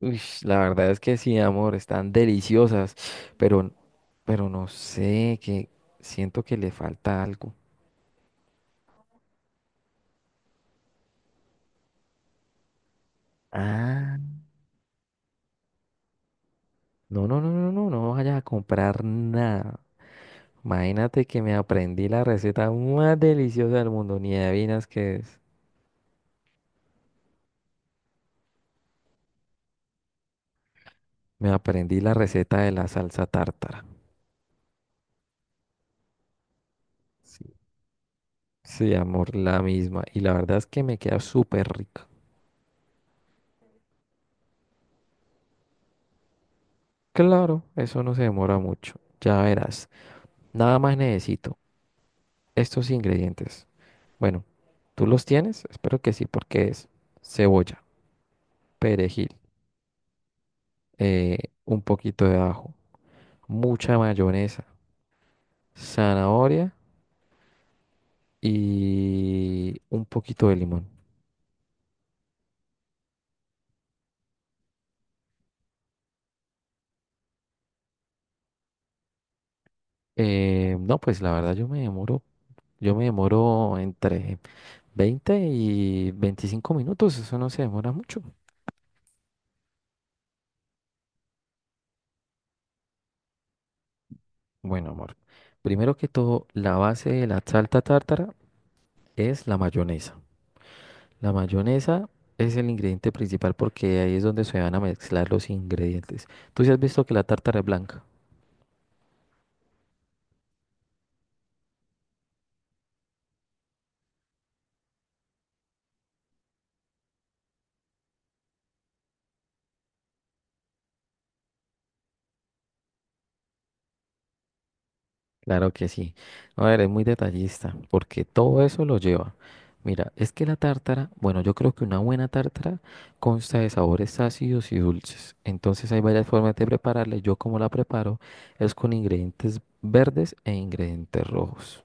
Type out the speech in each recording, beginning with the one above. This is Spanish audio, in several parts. Uy, la verdad es que sí, amor, están deliciosas, pero, pero no sé, que siento que le falta algo. Ah, no, no, no, no, no, no vayas a comprar nada. Imagínate que me aprendí la receta más deliciosa del mundo, ni adivinas qué es. Me aprendí la receta de la salsa tártara. Sí, sí, amor, la misma. Y la verdad es que me queda súper rica. Claro, eso no se demora mucho. Ya verás. Nada más necesito estos ingredientes. Bueno, ¿tú los tienes? Espero que sí, porque es cebolla, perejil, eh, un poquito de ajo, mucha mayonesa, zanahoria y un poquito de limón. No, pues la verdad yo me demoro entre 20 y 25 minutos, eso no se demora mucho. Bueno, amor, primero que todo, la base de la salsa tártara es la mayonesa. La mayonesa es el ingrediente principal porque ahí es donde se van a mezclar los ingredientes. ¿Tú sí has visto que la tártara es blanca? Claro que sí. A ver, es muy detallista porque todo eso lo lleva. Mira, es que la tártara, bueno, yo creo que una buena tártara consta de sabores ácidos y dulces. Entonces hay varias formas de prepararla. Yo como la preparo es con ingredientes verdes e ingredientes rojos.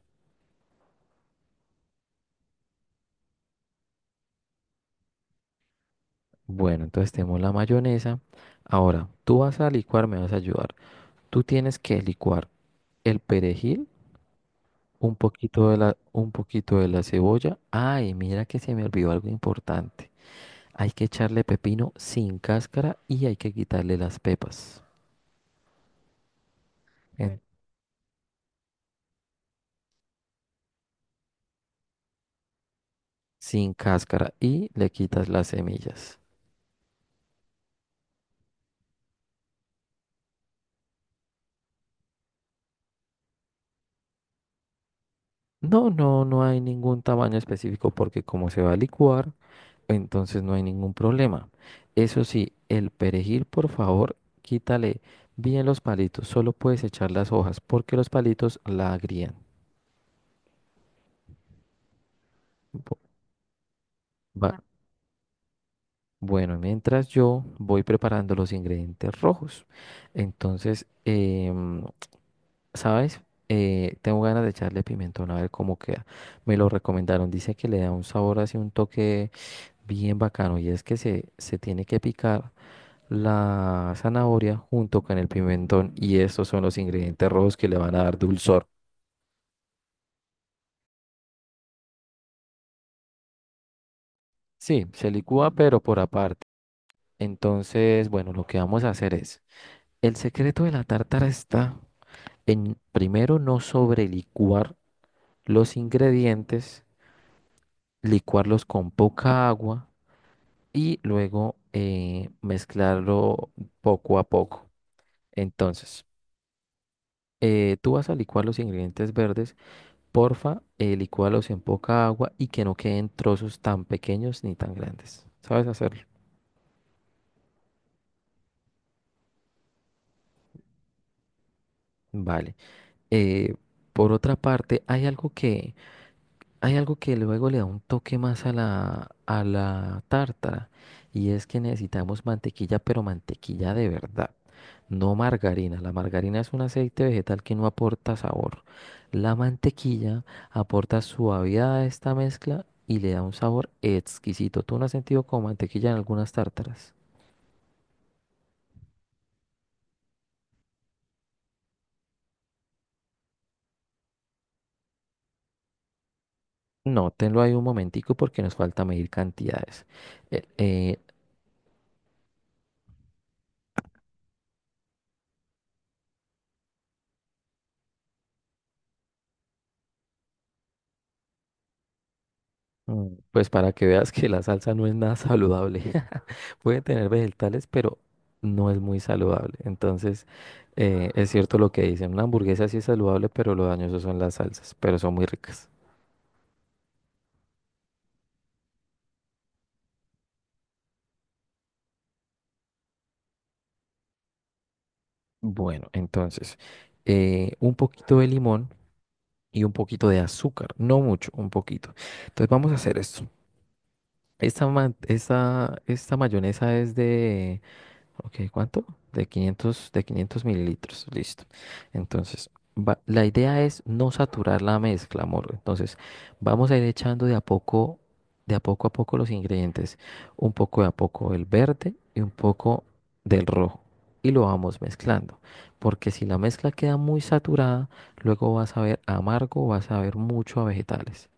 Bueno, entonces tenemos la mayonesa. Ahora, tú vas a licuar, me vas a ayudar. Tú tienes que licuar el perejil, un poquito de la cebolla. Ay, mira que se me olvidó algo importante. Hay que echarle pepino sin cáscara y hay que quitarle las pepas. en- sin cáscara y le quitas las semillas. No, no, no hay ningún tamaño específico porque como se va a licuar, entonces no hay ningún problema. Eso sí, el perejil, por favor, quítale bien los palitos. Solo puedes echar las hojas porque los palitos la agrían. Va- Bueno, mientras yo voy preparando los ingredientes rojos. Entonces, ¿sabes? Tengo ganas de echarle pimentón a ver cómo queda. Me lo recomendaron. Dice que le da un sabor así, un toque bien bacano. Y es que se tiene que picar la zanahoria junto con el pimentón. Y estos son los ingredientes rojos que le van a dar dulzor. Sí, se licúa, pero por aparte. Entonces, bueno, lo que vamos a hacer es. El secreto de la tártara está en primero no sobrelicuar los ingredientes, licuarlos con poca agua y luego mezclarlo poco a poco. Entonces, tú vas a licuar los ingredientes verdes, porfa, licúalos en poca agua y que no queden trozos tan pequeños ni tan grandes. ¿Sabes hacerlo? Vale. Eh, por otra parte, hay algo que luego le da un toque más a la tártara y es que necesitamos mantequilla, pero mantequilla de verdad, no margarina. La margarina es un aceite vegetal que no aporta sabor. La mantequilla aporta suavidad a esta mezcla y le da un sabor exquisito. ¿Tú no has sentido como mantequilla en algunas tártaras? Nótenlo ahí un momentico porque nos falta medir cantidades. Eh, eh, Pues para que veas que la salsa no es nada saludable. Puede tener vegetales, pero no es muy saludable. Entonces, es cierto lo que dicen. Una hamburguesa sí es saludable, pero lo dañoso son las salsas, pero son muy ricas. Bueno, entonces, un poquito de limón y un poquito de azúcar. No mucho, un poquito. Entonces vamos a hacer esto. Esta mayonesa es de. Ok, ¿cuánto? De 500 ml, listo. Entonces, la idea es no saturar la mezcla, amor. Entonces, vamos a ir echando de a poco los ingredientes. Un poco de a poco el verde y un poco del rojo. Y lo vamos mezclando. Porque si la mezcla queda muy saturada, luego vas a ver amargo, vas a ver mucho a vegetales.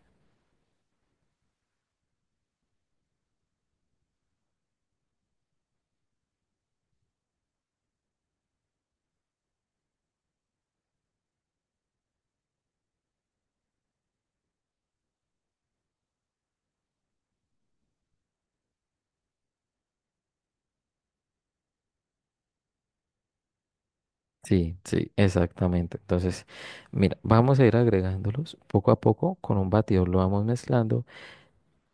Sí, sí, exactamente. Entonces, mira, vamos a ir agregándolos poco a poco con un batidor, lo vamos mezclando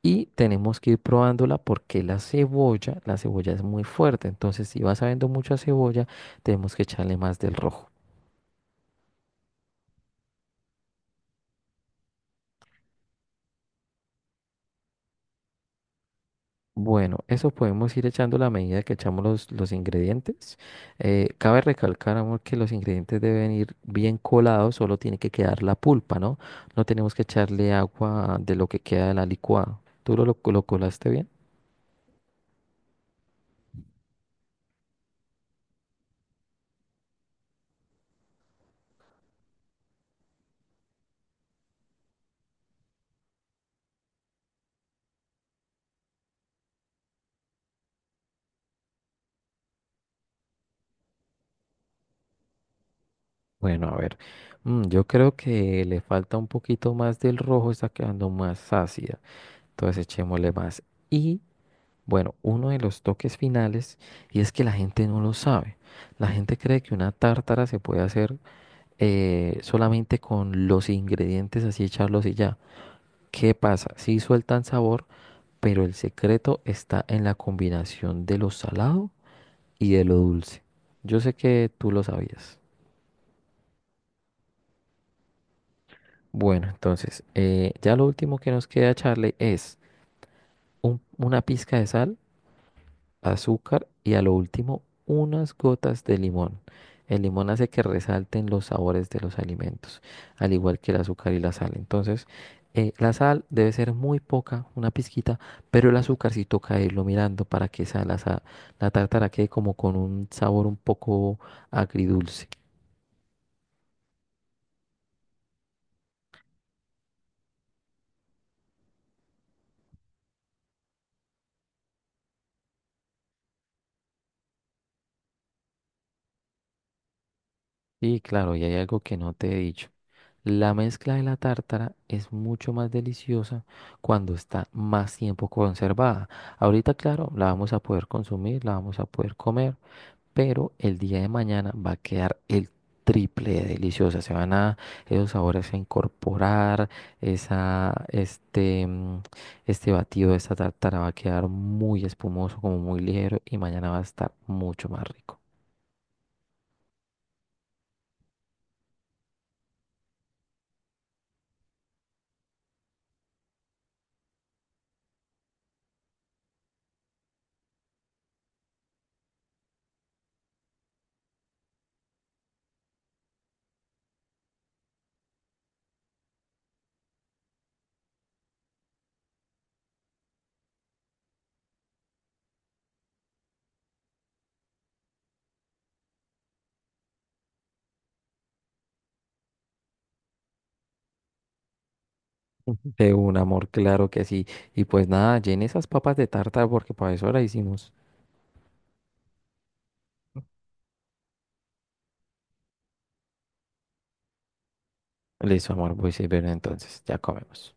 y tenemos que ir probándola porque la cebolla es muy fuerte. Entonces, si vas sabiendo mucha cebolla, tenemos que echarle más del rojo. Bueno, eso podemos ir echando a medida que echamos los ingredientes. Cabe recalcar, amor, que los ingredientes deben ir bien colados, solo tiene que quedar la pulpa, ¿no? No tenemos que echarle agua de lo que queda de la licuada. ¿Tú lo colaste bien? Bueno, a ver, yo creo que le falta un poquito más del rojo, está quedando más ácida. Entonces echémosle más. Y bueno, uno de los toques finales, y es que la gente no lo sabe. La gente cree que una tártara se puede hacer solamente con los ingredientes, así echarlos y ya. ¿Qué pasa? Sí sueltan sabor, pero el secreto está en la combinación de lo salado y de lo dulce. Yo sé que tú lo sabías. Bueno, entonces, ya lo último que nos queda echarle es una pizca de sal, azúcar y a lo último unas gotas de limón. El limón hace que resalten los sabores de los alimentos, al igual que el azúcar y la sal. Entonces, la sal debe ser muy poca, una pizquita, pero el azúcar sí toca irlo mirando para que la tártara quede como con un sabor un poco agridulce. Y claro, y hay algo que no te he dicho. La mezcla de la tártara es mucho más deliciosa cuando está más tiempo conservada. Ahorita, claro, la vamos a poder consumir, la vamos a poder comer, pero el día de mañana va a quedar el triple de deliciosa. Se van a esos sabores a incorporar, esa, este, mm, este batido de esta tártara va a quedar muy espumoso, como muy ligero y mañana va a estar mucho más rico. De un amor, claro que sí. Y pues nada, llene esas papas de tarta porque para eso la hicimos. Listo, amor, voy a ver entonces, ya comemos.